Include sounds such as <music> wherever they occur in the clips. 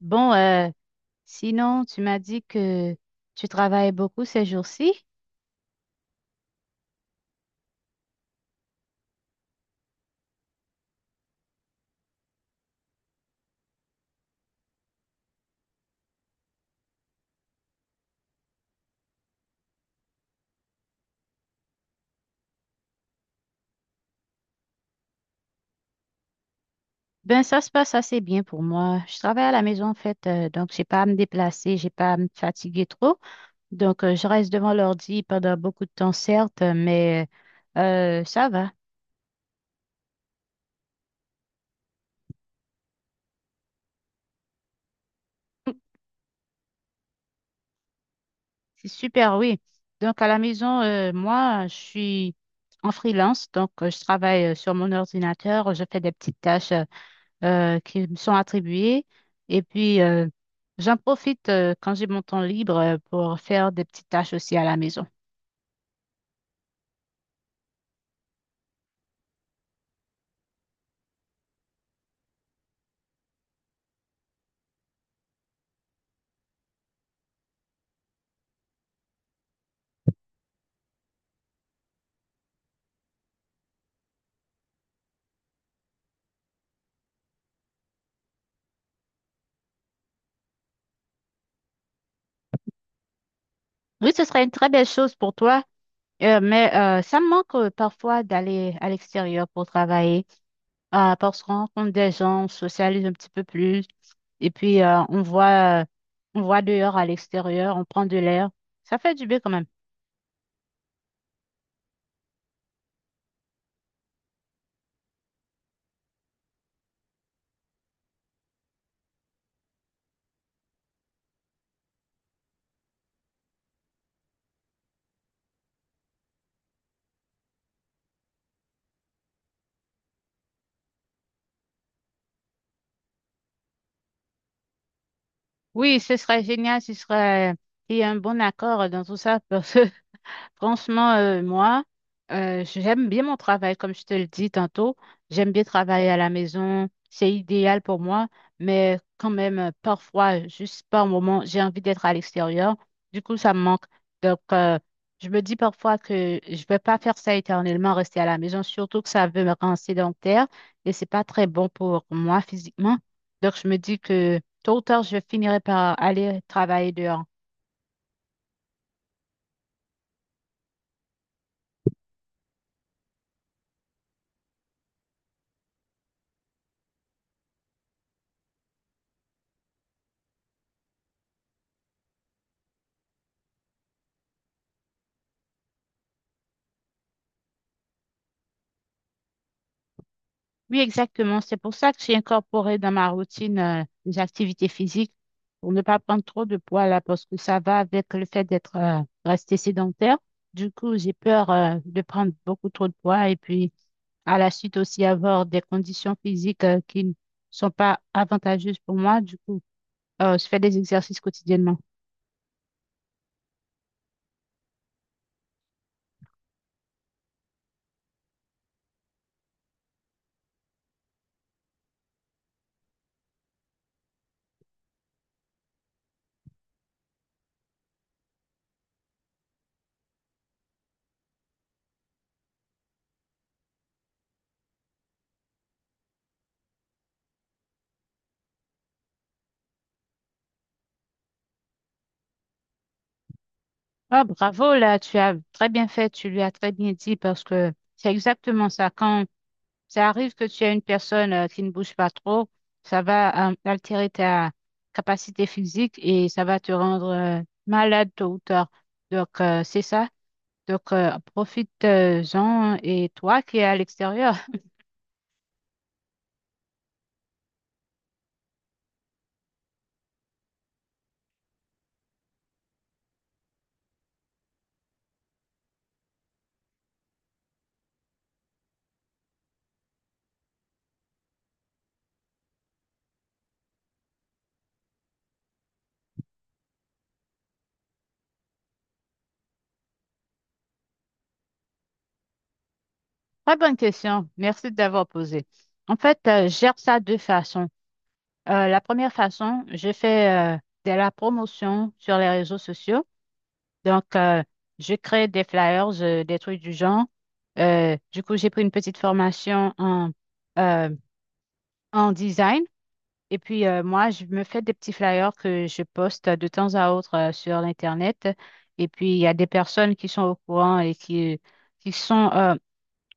Bon, euh, Sinon, tu m'as dit que tu travailles beaucoup ces jours-ci. Ben, ça se passe assez bien pour moi. Je travaille à la maison, en fait, donc j'ai pas à me déplacer, j'ai pas à me fatiguer trop. Je reste devant l'ordi pendant beaucoup de temps, certes, mais ça va. C'est super, oui. Donc, à la maison, moi, je suis en freelance, je travaille sur mon ordinateur, je fais des petites tâches qui me sont attribuées. Et puis, euh, j'en profite quand j'ai mon temps libre pour faire des petites tâches aussi à la maison. Oui, ce serait une très belle chose pour toi, mais ça me manque parfois d'aller à l'extérieur pour travailler, parce qu'on rencontre des gens, on socialise un petit peu plus, et puis on voit, on voit dehors à l'extérieur, on prend de l'air. Ça fait du bien quand même. Oui, ce serait génial, ce serait il y a un bon accord dans tout ça, parce que <laughs> Franchement, moi, j'aime bien mon travail, comme je te le dis tantôt. J'aime bien travailler à la maison. C'est idéal pour moi, mais quand même, parfois, juste par moment, j'ai envie d'être à l'extérieur. Du coup, ça me manque. Donc, euh, je me dis parfois que je ne vais pas faire ça éternellement, rester à la maison, surtout que ça veut me rendre sédentaire et c'est pas très bon pour moi physiquement. Donc, je me dis que tôt ou tard, je finirai par aller travailler dehors. Oui, exactement. C'est pour ça que j'ai incorporé dans ma routine des activités physiques pour ne pas prendre trop de poids là, parce que ça va avec le fait d'être resté sédentaire. Du coup, j'ai peur de prendre beaucoup trop de poids et puis à la suite aussi avoir des conditions physiques qui ne sont pas avantageuses pour moi. Du coup, je fais des exercices quotidiennement. Ah, bravo, là, tu as très bien fait, tu lui as très bien dit parce que c'est exactement ça. Quand ça arrive que tu aies une personne qui ne bouge pas trop, ça va altérer ta capacité physique et ça va te rendre malade tôt ou tard. Donc, c'est ça. Donc, profite-en et toi qui es à l'extérieur. <laughs> Très bonne question. Merci d'avoir posé. En fait, je gère ça de deux façons. La première façon, je fais de la promotion sur les réseaux sociaux. Donc, je crée des flyers, des trucs du genre. Du coup, j'ai pris une petite formation en, euh, en design. Et puis, moi, je me fais des petits flyers que je poste de temps à autre sur l'Internet. Et puis, il y a des personnes qui sont au courant et qui sont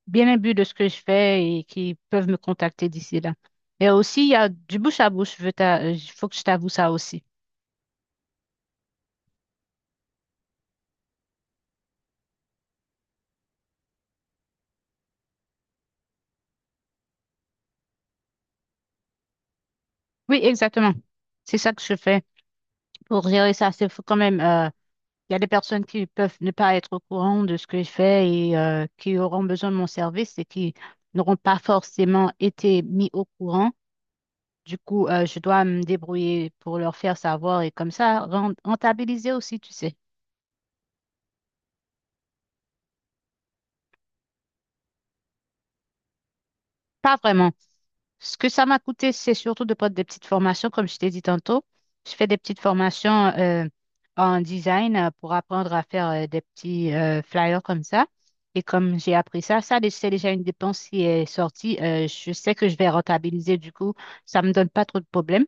bien imbues de ce que je fais et qui peuvent me contacter d'ici là. Et aussi, il y a du bouche à bouche. Il faut que je t'avoue ça aussi. Oui, exactement. C'est ça que je fais pour gérer ça. C'est faut quand même. Il y a des personnes qui peuvent ne pas être au courant de ce que je fais et qui auront besoin de mon service et qui n'auront pas forcément été mis au courant. Du coup, je dois me débrouiller pour leur faire savoir et comme ça, rentabiliser aussi, tu sais. Pas vraiment. Ce que ça m'a coûté, c'est surtout de prendre des petites formations, comme je t'ai dit tantôt. Je fais des petites formations en design pour apprendre à faire des petits flyers comme ça. Et comme j'ai appris ça, c'est déjà une dépense qui est sortie. Je sais que je vais rentabiliser, du coup, ça me donne pas trop de problèmes.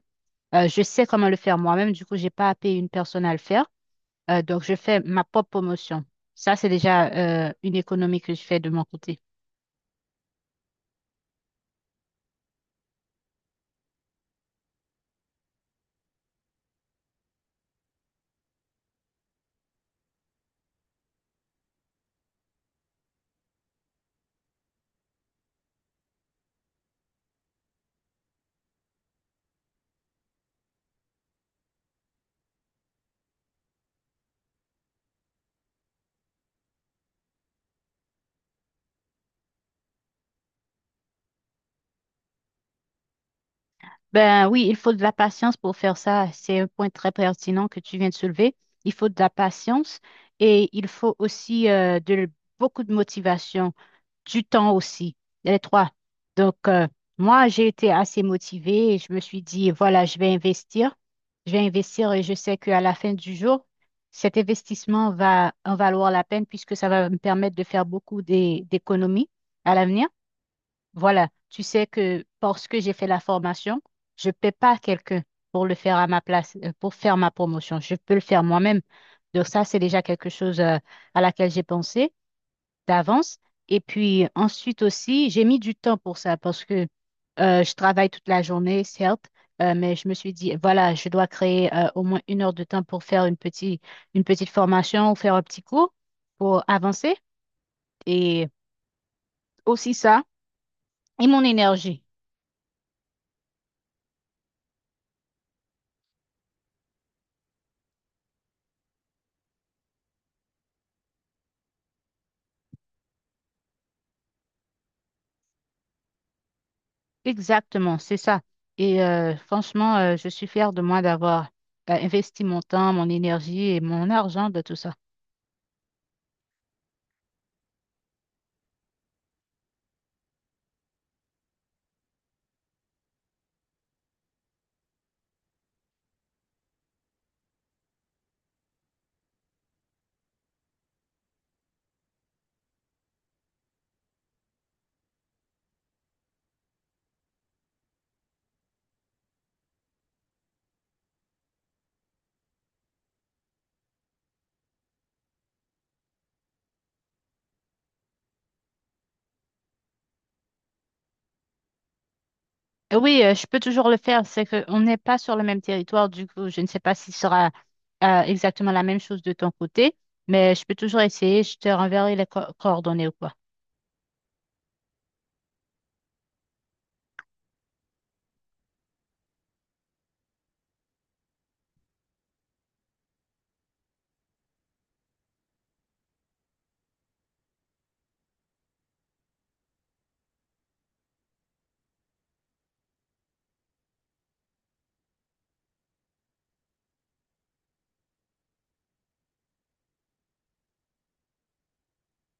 Je sais comment le faire moi-même, du coup, j'ai pas à payer une personne à le faire. Donc, je fais ma propre promotion. Ça, c'est déjà une économie que je fais de mon côté. Ben oui, il faut de la patience pour faire ça. C'est un point très pertinent que tu viens de soulever. Il faut de la patience et il faut aussi beaucoup de motivation, du temps aussi, les trois. Donc, moi, j'ai été assez motivée et je me suis dit, voilà, je vais investir. Je vais investir et je sais qu'à la fin du jour, cet investissement va en valoir la peine puisque ça va me permettre de faire beaucoup d'économies à l'avenir. Voilà, tu sais que parce que j'ai fait la formation, je ne paie pas quelqu'un pour le faire à ma place, pour faire ma promotion. Je peux le faire moi-même. Donc ça, c'est déjà quelque chose à laquelle j'ai pensé d'avance. Et puis ensuite aussi, j'ai mis du temps pour ça parce que je travaille toute la journée, certes, mais je me suis dit, voilà, je dois créer au moins une heure de temps pour faire une petite formation ou faire un petit cours pour avancer. Et aussi ça, et mon énergie. Exactement, c'est ça. Et franchement, je suis fière de moi d'avoir investi mon temps, mon énergie et mon argent de tout ça. Et oui, je peux toujours le faire. C'est qu'on n'est pas sur le même territoire. Du coup, je ne sais pas si ce sera exactement la même chose de ton côté, mais je peux toujours essayer. Je te renverrai les coordonnées ou quoi.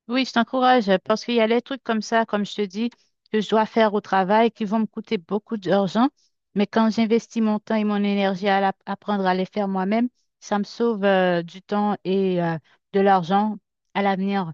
Oui, je t'encourage parce qu'il y a des trucs comme ça, comme je te dis, que je dois faire au travail qui vont me coûter beaucoup d'argent. Mais quand j'investis mon temps et mon énergie à apprendre à les faire moi-même, ça me sauve du temps et de l'argent à l'avenir.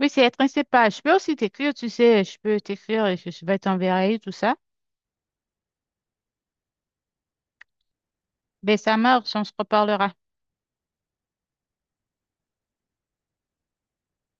Oui, c'est être inséparable. Je peux aussi t'écrire, tu sais, je peux t'écrire et je vais t'enverrer tout ça. Mais ça marche, on se reparlera.